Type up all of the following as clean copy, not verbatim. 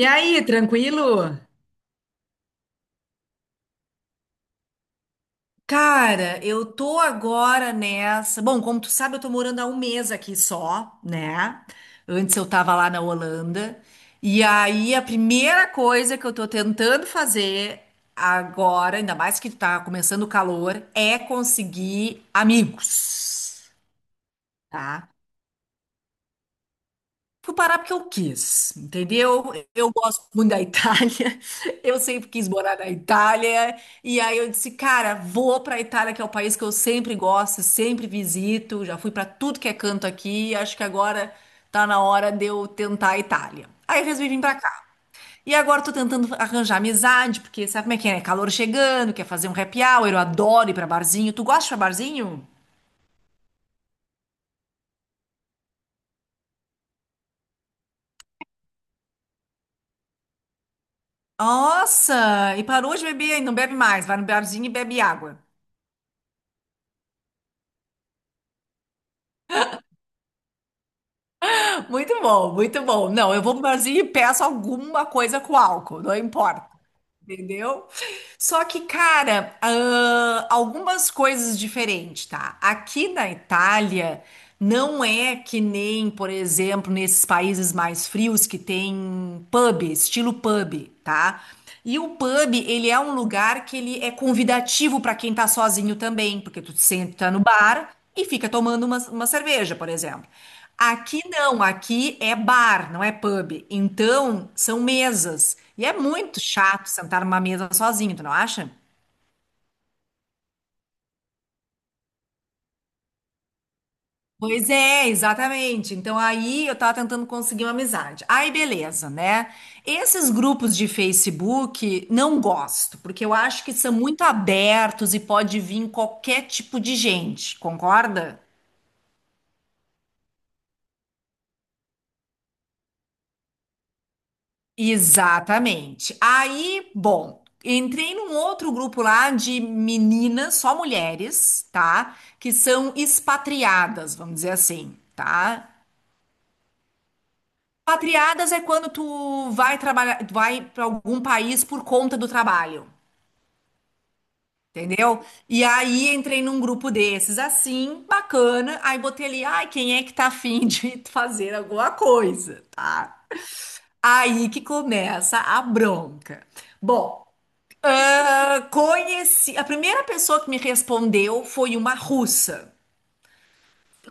E aí, tranquilo? Cara, eu tô agora nessa. Bom, como tu sabe, eu tô morando há um mês aqui só, né? Antes eu tava lá na Holanda. E aí a primeira coisa que eu tô tentando fazer agora, ainda mais que tá começando o calor, é conseguir amigos, tá? Fui parar porque eu quis, entendeu? Eu gosto muito da Itália, eu sempre quis morar na Itália, e aí eu disse, cara, vou pra Itália, que é o país que eu sempre gosto, sempre visito, já fui pra tudo que é canto aqui, acho que agora tá na hora de eu tentar a Itália. Aí eu resolvi vir pra cá. E agora eu tô tentando arranjar amizade, porque sabe como é que é, né? Calor chegando, quer fazer um happy hour, eu adoro ir pra barzinho. Tu gosta de ir pra barzinho? Nossa, e parou de beber, não bebe mais, vai no barzinho e bebe água. Muito bom, muito bom. Não, eu vou pro barzinho e peço alguma coisa com álcool, não importa, entendeu? Só que, cara, algumas coisas diferentes, tá? Aqui na Itália, não é que nem, por exemplo, nesses países mais frios que tem pub, estilo pub, tá? E o pub, ele é um lugar que ele é convidativo para quem tá sozinho também, porque tu senta no bar e fica tomando uma cerveja, por exemplo. Aqui não, aqui é bar, não é pub. Então, são mesas. E é muito chato sentar numa mesa sozinho, tu não acha? Pois é, exatamente. Então aí eu tava tentando conseguir uma amizade. Aí beleza, né? Esses grupos de Facebook não gosto, porque eu acho que são muito abertos e pode vir qualquer tipo de gente, concorda? Exatamente. Aí, bom, entrei num outro grupo lá de meninas, só mulheres, tá? Que são expatriadas, vamos dizer assim, tá? Expatriadas é quando tu vai trabalhar, vai para algum país por conta do trabalho, entendeu? E aí entrei num grupo desses, assim, bacana. Aí botei ali, ai, quem é que tá afim de fazer alguma coisa, tá? Aí que começa a bronca. Bom. Ah, conheci. A primeira pessoa que me respondeu foi uma russa.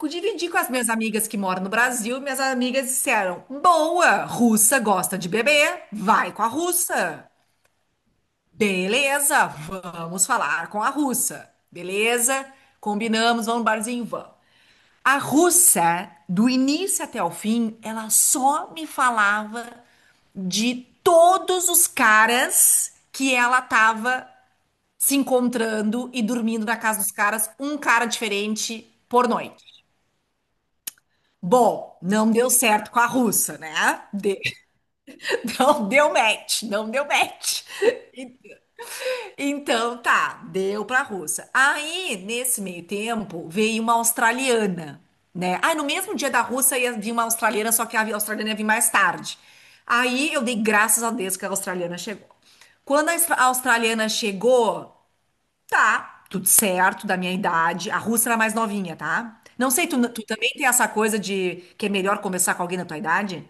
Eu dividi com as minhas amigas que moram no Brasil, e minhas amigas disseram: Boa, russa gosta de beber, vai com a russa. Beleza, vamos falar com a russa. Beleza, combinamos, vamos no barzinho, vamos. A russa, do início até o fim, ela só me falava de todos os caras que ela tava se encontrando e dormindo na casa dos caras, um cara diferente por noite. Bom, não deu certo com a russa, né? Não deu match, não deu match. Então tá, deu pra russa. Aí, nesse meio tempo, veio uma australiana, né? Ah, no mesmo dia da russa ia vir uma australiana, só que a australiana ia vir mais tarde. Aí eu dei graças a Deus que a australiana chegou. Quando a a australiana chegou, tá, tudo certo, da minha idade. A Russa era mais novinha, tá? Não sei, tu também tem essa coisa de que é melhor conversar com alguém da tua idade?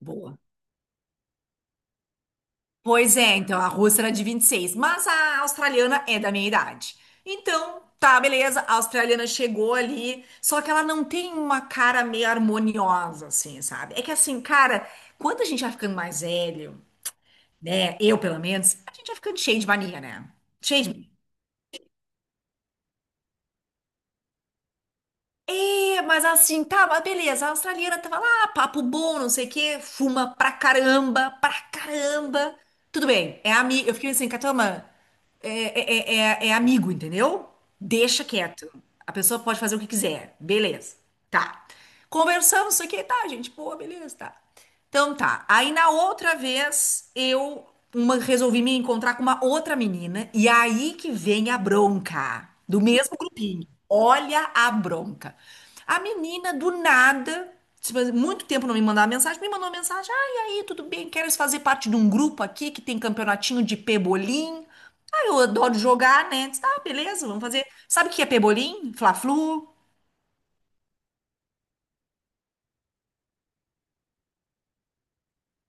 Boa. Pois é, então a Russa era de 26 mas a australiana é da minha idade. Então, tá, beleza, a australiana chegou ali, só que ela não tem uma cara meio harmoniosa, assim, sabe? É que assim, cara, quando a gente vai ficando mais velho, né? Eu, pelo menos, a gente vai ficando cheio de mania, né? Cheio de mania. É, mas assim, tá, mas beleza, a australiana tava lá, papo bom, não sei o quê, fuma pra caramba, pra caramba. Tudo bem, é amigo. Eu fiquei assim, Catama, é, é, é amigo, entendeu? Deixa quieto. A pessoa pode fazer o que quiser, beleza, tá. Conversamos, não sei o quê, tá, gente, pô, beleza, tá. Então tá. Aí na outra vez eu resolvi me encontrar com uma outra menina e aí que vem a bronca do mesmo grupinho. Olha a bronca. A menina do nada, tipo, muito tempo não me mandava mensagem, me mandou uma mensagem: "Ah, e aí, tudo bem? Queres fazer parte de um grupo aqui que tem campeonatinho de pebolim?" Ah, eu adoro jogar, né? Disse, ah, beleza, vamos fazer. Sabe o que é pebolim? Fla-flu,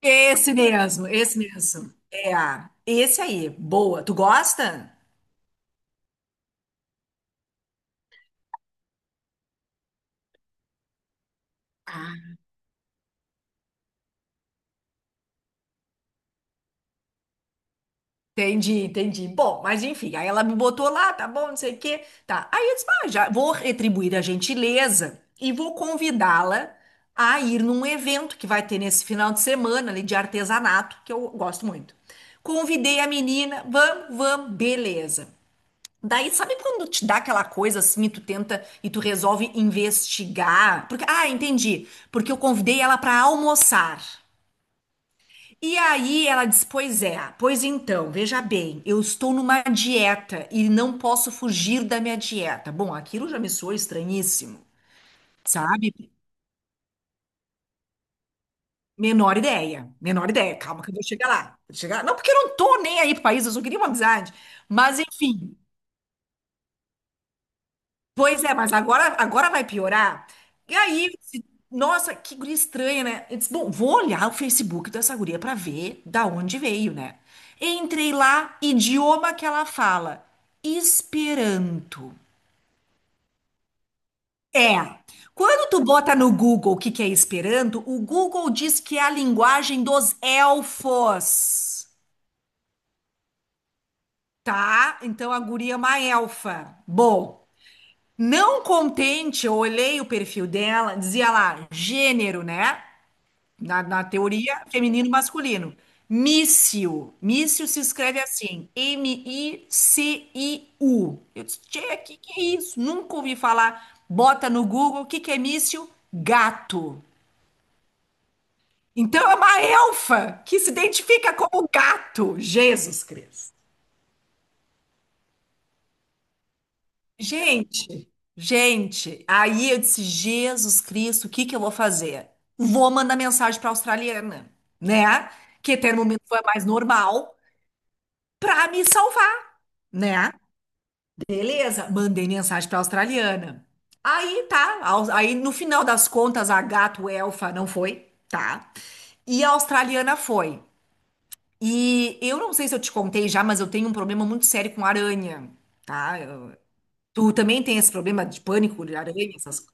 esse mesmo, esse mesmo. É, esse aí, boa. Tu gosta? Ah, entendi, entendi. Bom, mas enfim, aí ela me botou lá, tá bom, não sei o quê. Tá. Aí eu disse, ah, já vou retribuir a gentileza e vou convidá-la a ir num evento que vai ter nesse final de semana ali de artesanato, que eu gosto muito. Convidei a menina, vamos, vamos, beleza. Daí, sabe quando te dá aquela coisa assim e tu tenta e tu resolve investigar? Porque, ah, entendi. Porque eu convidei ela para almoçar. E aí ela diz: Pois é, pois então, veja bem, eu estou numa dieta e não posso fugir da minha dieta. Bom, aquilo já me soa estranhíssimo, sabe? Menor ideia, menor ideia. Calma que eu vou chegar lá. Vou chegar... Não, porque eu não tô nem aí pro país, eu só queria uma amizade. Mas enfim. Pois é, mas agora, agora vai piorar. E aí, eu disse, nossa, que guria estranha, né? Eu disse, bom, vou olhar o Facebook dessa guria pra ver da onde veio, né? Entrei lá, idioma que ela fala, Esperanto. É. Quando tu bota no Google o que que é Esperanto, o Google diz que é a linguagem dos elfos, tá? Então a guria é uma elfa. Bom, não contente, eu olhei o perfil dela, dizia lá, gênero, né? Na, na teoria, feminino e masculino. Mício. Mício se escreve assim: M-I-C-I-U. Eu disse, tchê, que é isso? Nunca ouvi falar. Bota no Google, o que que é mício? Gato. Então é uma elfa que se identifica como gato. Jesus Cristo. Gente, gente, aí eu disse, Jesus Cristo, o que que eu vou fazer? Vou mandar mensagem para a australiana, né? Que até no momento foi a mais normal. Pra me salvar, né? Beleza, mandei mensagem pra australiana. Aí tá, aí no final das contas a gato elfa não foi, tá? E a australiana foi. E eu não sei se eu te contei já, mas eu tenho um problema muito sério com aranha, tá? Tu também tem esse problema de pânico de aranha, essas coisas?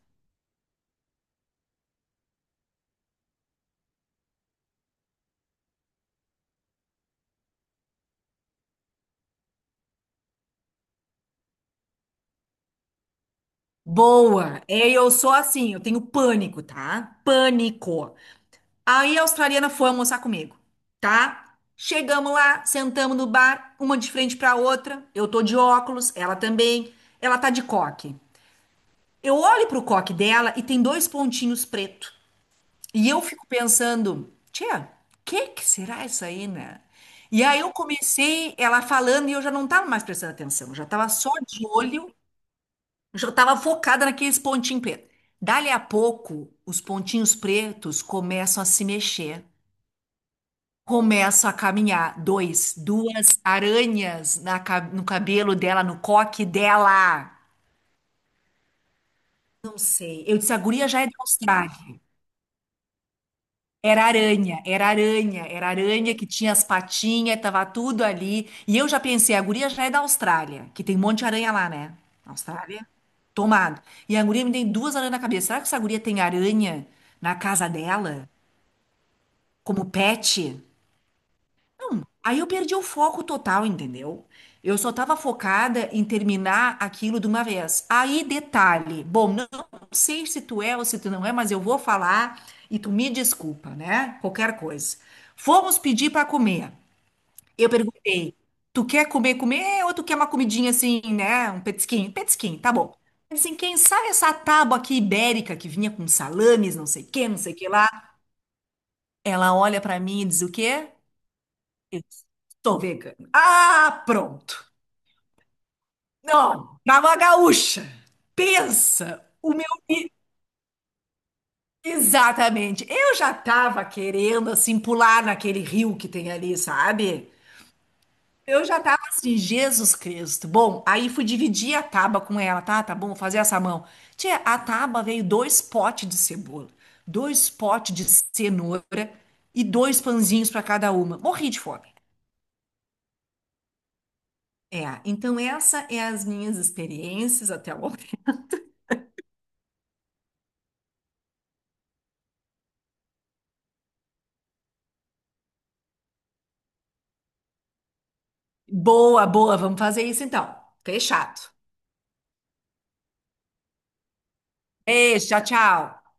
Boa, é, eu sou assim, eu tenho pânico, tá? Pânico. Aí a australiana foi almoçar comigo, tá? Chegamos lá, sentamos no bar, uma de frente pra outra. Eu tô de óculos, ela também. Ela tá de coque. Eu olho pro coque dela e tem dois pontinhos preto. E eu fico pensando, tia, que será isso aí, né? E aí eu comecei ela falando e eu já não tava mais prestando atenção, eu já tava só de olho, já tava focada naqueles pontinhos pretos. Dali a pouco, os pontinhos pretos começam a se mexer. Começo a caminhar. Dois, duas aranhas na no cabelo dela, no coque dela. Não sei. Eu disse, a guria já é da Austrália. Era aranha, era aranha, era aranha que tinha as patinhas, tava tudo ali. E eu já pensei, a guria já é da Austrália, que tem um monte de aranha lá, né? Austrália? Tomado. E a guria me tem duas aranhas na cabeça. Será que essa guria tem aranha na casa dela? Como pet? Aí eu perdi o foco total, entendeu? Eu só tava focada em terminar aquilo de uma vez. Aí, detalhe. Bom, não sei se tu é ou se tu não é, mas eu vou falar e tu me desculpa, né? Qualquer coisa. Fomos pedir para comer. Eu perguntei: tu quer comer, comer ou tu quer uma comidinha assim, né? Um petisquinho? Petisquinho, tá bom. Assim, quem sabe essa tábua aqui ibérica que vinha com salames, não sei o que, não sei o que lá. Ela olha para mim e diz o quê? Eu sou vegana. Ah, pronto. Não, pra uma gaúcha. Pensa o meu. Exatamente. Eu já tava querendo, assim, pular naquele rio que tem ali, sabe? Eu já tava assim, Jesus Cristo. Bom, aí fui dividir a tábua com ela, tá? Tá bom, vou fazer essa mão. Tia, a tábua veio dois potes de cebola, dois potes de cenoura e dois pãezinhos para cada uma. Morri de fome. É, então essa é as minhas experiências até o momento. Boa, boa, vamos fazer isso então. Fechado. Beijo, tchau, tchau.